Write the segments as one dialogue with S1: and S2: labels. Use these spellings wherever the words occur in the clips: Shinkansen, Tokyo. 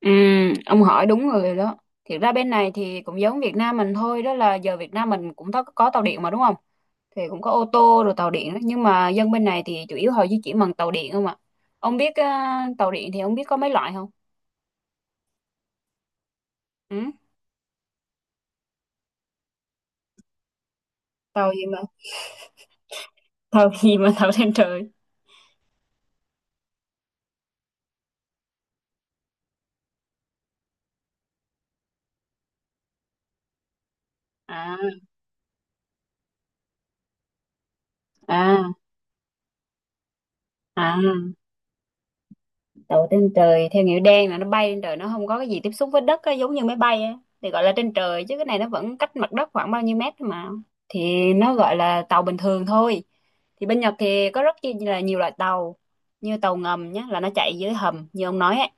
S1: Ừ, ông hỏi đúng người rồi đó. Thiệt ra bên này thì cũng giống Việt Nam mình thôi, đó là giờ Việt Nam mình cũng có tàu điện mà đúng không? Thì cũng có ô tô rồi tàu điện đó. Nhưng mà dân bên này thì chủ yếu họ di chuyển bằng tàu điện không ạ? Ông biết tàu điện thì ông biết có mấy loại không? Ừ? Tàu gì mà? Tàu gì mà tàu trên trời? À, à, à. Đậu trên trời theo nghĩa đen là nó bay trên trời, nó không có cái gì tiếp xúc với đất á, giống như máy bay á, thì gọi là trên trời, chứ cái này nó vẫn cách mặt đất khoảng bao nhiêu mét thôi mà, thì nó gọi là tàu bình thường thôi. Thì bên Nhật thì có rất chi là nhiều loại tàu, như tàu ngầm nhé, là nó chạy dưới hầm như ông nói ấy.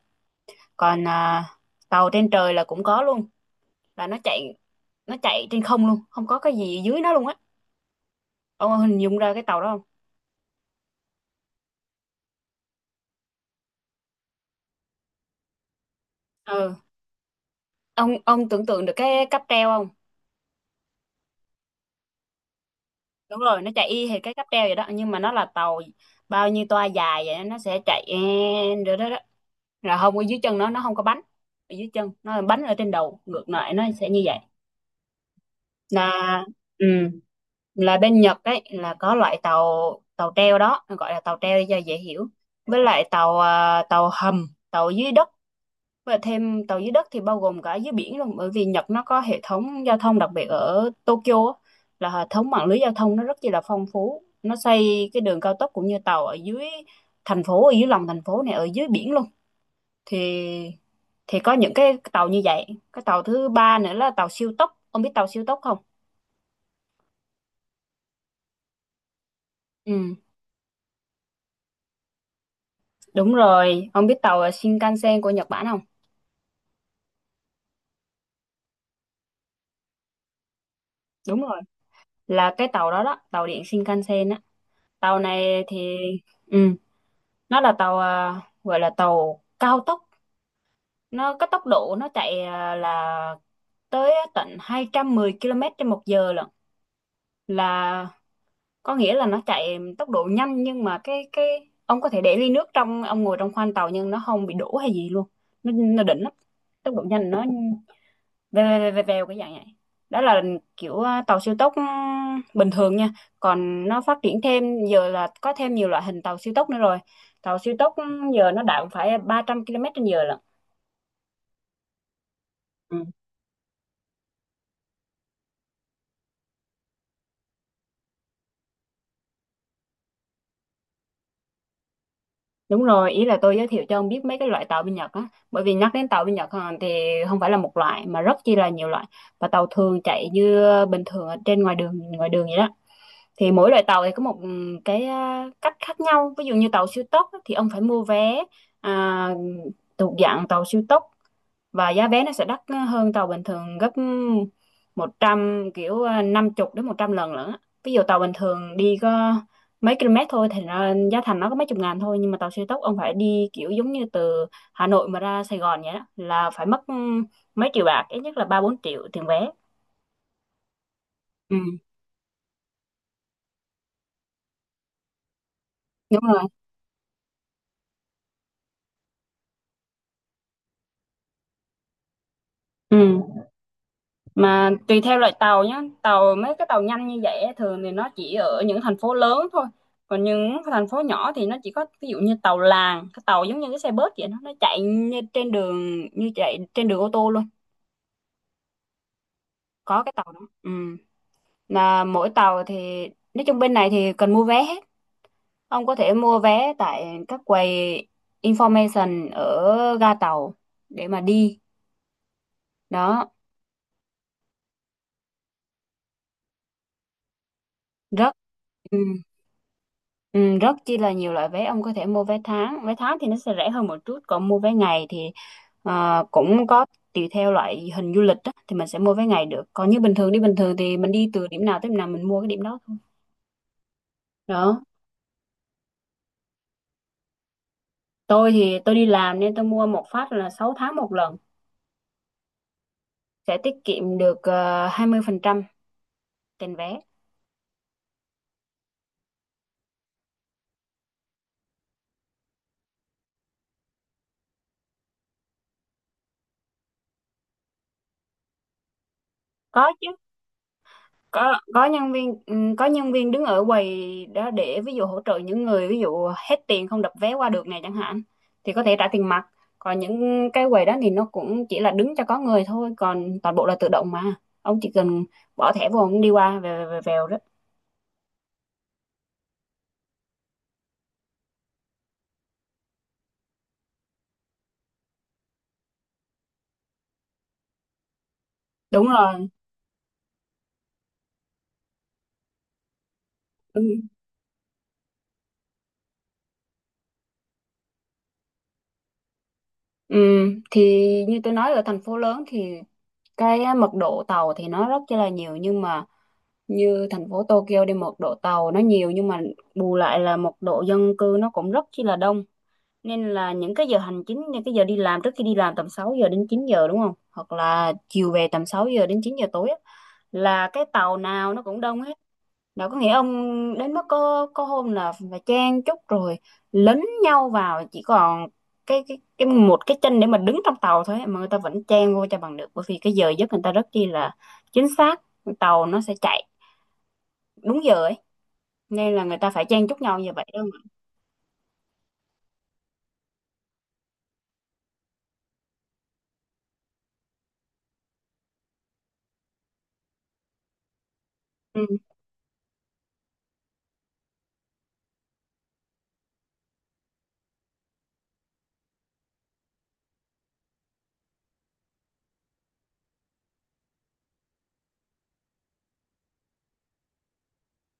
S1: Còn tàu trên trời là cũng có luôn, là nó chạy, nó chạy trên không luôn, không có cái gì dưới nó luôn á. Ông hình dung ra cái tàu đó không? Ừ, ông tưởng tượng được cái cáp treo không? Đúng rồi, nó chạy y hệt cái cáp treo vậy đó, nhưng mà nó là tàu bao nhiêu toa dài vậy nó sẽ chạy rồi đó là không ở dưới chân nó không có bánh ở dưới chân nó, là bánh ở trên đầu ngược lại, nó sẽ như vậy. Là ừ, là bên Nhật ấy là có loại tàu, tàu treo đó, gọi là tàu treo đi cho dễ hiểu. Với lại tàu tàu hầm, tàu dưới đất, và thêm tàu dưới đất thì bao gồm cả dưới biển luôn, bởi vì Nhật nó có hệ thống giao thông đặc biệt ở Tokyo á, là hệ thống mạng lưới giao thông nó rất chi là phong phú. Nó xây cái đường cao tốc cũng như tàu ở dưới thành phố, ở dưới lòng thành phố này, ở dưới biển luôn. Thì thì có những cái tàu như vậy. Cái tàu thứ ba nữa là tàu siêu tốc. Ông biết tàu siêu tốc không? Ừ, đúng rồi. Ông biết tàu Shinkansen của Nhật Bản không? Đúng rồi. Là cái tàu đó đó, tàu điện Shinkansen á. Tàu này thì ừ. Nó là tàu gọi là tàu cao tốc, nó cái tốc độ nó chạy là tới tận 210 km trên một giờ lận, là có nghĩa là nó chạy tốc độ nhanh, nhưng mà cái ông có thể để ly nước trong ông ngồi trong khoang tàu nhưng nó không bị đổ hay gì luôn. Nó đỉnh lắm, tốc độ nhanh, nó vèo vèo vèo vèo vèo cái dạng này. Đó là kiểu tàu siêu tốc bình thường nha. Còn nó phát triển thêm giờ là có thêm nhiều loại hình tàu siêu tốc nữa rồi. Tàu siêu tốc ừ, giờ nó đạt phải 300 km trên giờ lận. Ừ. Đúng rồi, ý là tôi giới thiệu cho ông biết mấy cái loại tàu bên Nhật á, bởi vì nhắc đến tàu bên Nhật à, thì không phải là một loại mà rất chi là nhiều loại. Và tàu thường chạy như bình thường ở trên ngoài đường, ngoài đường vậy đó. Thì mỗi loại tàu thì có một cái cách khác nhau. Ví dụ như tàu siêu tốc á, thì ông phải mua vé à, thuộc dạng tàu siêu tốc, và giá vé nó sẽ đắt hơn tàu bình thường gấp 100 kiểu à, 50 đến 100 lần lận á. Ví dụ tàu bình thường đi có mấy km thôi thì nó, giá thành nó có mấy chục ngàn thôi, nhưng mà tàu siêu tốc ông phải đi kiểu giống như từ Hà Nội mà ra Sài Gòn vậy đó, là phải mất mấy triệu bạc, ít nhất là ba bốn triệu tiền vé. Ừ đúng rồi. Ừ, mà tùy theo loại tàu nhé. Tàu mấy cái tàu nhanh như vậy á, thường thì nó chỉ ở những thành phố lớn thôi. Còn những cái thành phố nhỏ thì nó chỉ có ví dụ như tàu làng, cái tàu giống như cái xe bớt vậy đó, nó chạy như trên đường, như chạy trên đường ô tô luôn. Có cái tàu đó ừ. Là mỗi tàu thì nói chung bên này thì cần mua vé hết. Ông có thể mua vé tại các quầy information ở ga tàu để mà đi đó. Rất ừ. Ừ, rất chi là nhiều loại vé. Ông có thể mua vé tháng, vé tháng thì nó sẽ rẻ hơn một chút, còn mua vé ngày thì cũng có, tùy theo loại hình du lịch á, thì mình sẽ mua vé ngày được. Còn như bình thường đi bình thường thì mình đi từ điểm nào tới điểm nào mình mua cái điểm đó thôi đó. Tôi thì tôi đi làm nên tôi mua một phát là 6 tháng một lần, sẽ tiết kiệm được 20% tiền vé. Có chứ. Có, có nhân viên đứng ở quầy đó để ví dụ hỗ trợ những người ví dụ hết tiền không đập vé qua được này chẳng hạn, thì có thể trả tiền mặt. Còn những cái quầy đó thì nó cũng chỉ là đứng cho có người thôi, còn toàn bộ là tự động mà. Ông chỉ cần bỏ thẻ vô ông đi qua về về vèo đó. Đúng rồi. Ừ. Thì như tôi nói ở thành phố lớn thì cái á, mật độ tàu thì nó rất là nhiều, nhưng mà như thành phố Tokyo đi, mật độ tàu nó nhiều nhưng mà bù lại là mật độ dân cư nó cũng rất chi là đông. Nên là những cái giờ hành chính, những cái giờ đi làm, trước khi đi làm tầm 6 giờ đến 9 giờ đúng không, hoặc là chiều về tầm 6 giờ đến 9 giờ tối á, là cái tàu nào nó cũng đông hết. Đâu có nghĩa ông, đến mức có hôm là phải chen chúc rồi lấn nhau vào chỉ còn cái một cái chân để mà đứng trong tàu thôi á, mà người ta vẫn chen vô cho bằng được, bởi vì cái giờ giấc người ta rất chi là chính xác, tàu nó sẽ chạy đúng giờ ấy, nên là người ta phải chen chúc nhau như vậy đó mà. Ừ.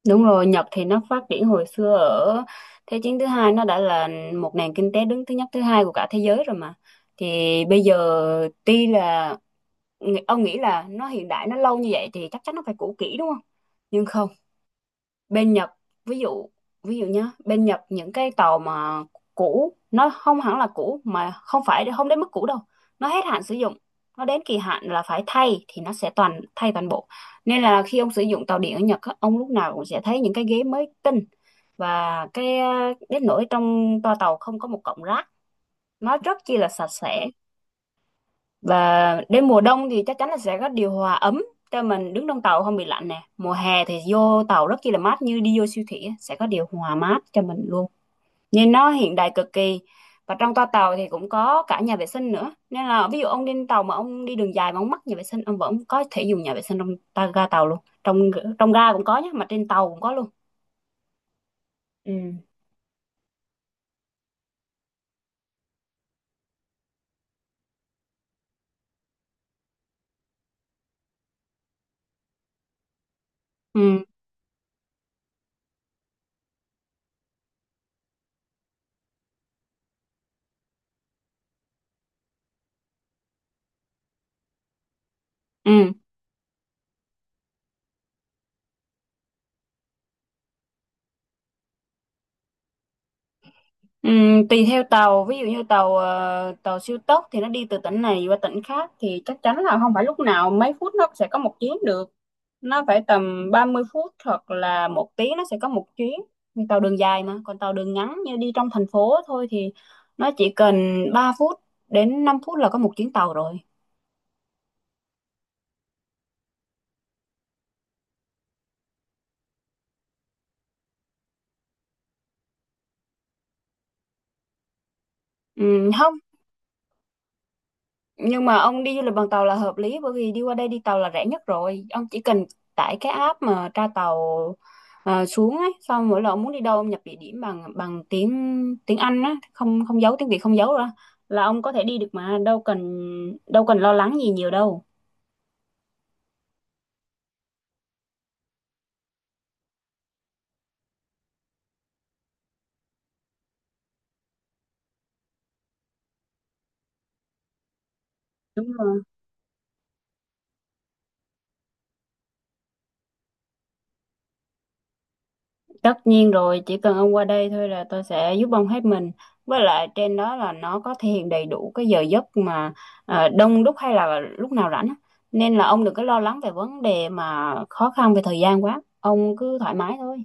S1: Đúng rồi, Nhật thì nó phát triển hồi xưa ở Thế chiến thứ hai, nó đã là một nền kinh tế đứng thứ nhất thứ hai của cả thế giới rồi mà. Thì bây giờ tuy là ông nghĩ là nó hiện đại nó lâu như vậy thì chắc chắn nó phải cũ kỹ đúng không? Nhưng không, bên Nhật, ví dụ ví dụ nhá, bên Nhật những cái tàu mà cũ nó không hẳn là cũ, mà không phải không đến mức cũ đâu. Nó hết hạn sử dụng, nó đến kỳ hạn là phải thay thì nó sẽ toàn thay toàn bộ. Nên là khi ông sử dụng tàu điện ở Nhật á, ông lúc nào cũng sẽ thấy những cái ghế mới tinh. Và cái đến nỗi trong toa tàu không có một cọng rác, nó rất chi là sạch sẽ. Và đến mùa đông thì chắc chắn là sẽ có điều hòa ấm cho mình đứng trong tàu không bị lạnh nè. Mùa hè thì vô tàu rất chi là mát như đi vô siêu thị á, sẽ có điều hòa mát cho mình luôn. Nhìn nó hiện đại cực kỳ. Và trong toa tàu thì cũng có cả nhà vệ sinh nữa. Nên là ví dụ ông đi trên tàu mà ông đi đường dài mà ông mắc nhà vệ sinh, ông vẫn có thể dùng nhà vệ sinh trong ta ga tàu luôn. Trong trong ga cũng có nhé, mà trên tàu cũng có luôn. Ừ. Ừ. Ừ. Tùy theo tàu, ví dụ như tàu tàu siêu tốc thì nó đi từ tỉnh này qua tỉnh khác thì chắc chắn là không phải lúc nào mấy phút nó sẽ có một chuyến được, nó phải tầm 30 phút hoặc là một tiếng nó sẽ có một chuyến. Nhưng tàu đường dài, mà còn tàu đường ngắn như đi trong thành phố thôi thì nó chỉ cần 3 phút đến 5 phút là có một chuyến tàu rồi. Không, nhưng mà ông đi du lịch bằng tàu là hợp lý, bởi vì đi qua đây đi tàu là rẻ nhất rồi. Ông chỉ cần tải cái app mà tra tàu xuống ấy, xong mỗi lần ông muốn đi đâu ông nhập địa điểm bằng bằng tiếng tiếng Anh á, không không giấu tiếng Việt không giấu ra, là ông có thể đi được, mà đâu cần lo lắng gì nhiều đâu. Đúng rồi. Tất nhiên rồi, chỉ cần ông qua đây thôi là tôi sẽ giúp ông hết mình. Với lại trên đó là nó có thể hiện đầy đủ cái giờ giấc mà đông đúc hay là lúc nào rảnh á. Nên là ông đừng có lo lắng về vấn đề mà khó khăn về thời gian quá. Ông cứ thoải mái thôi.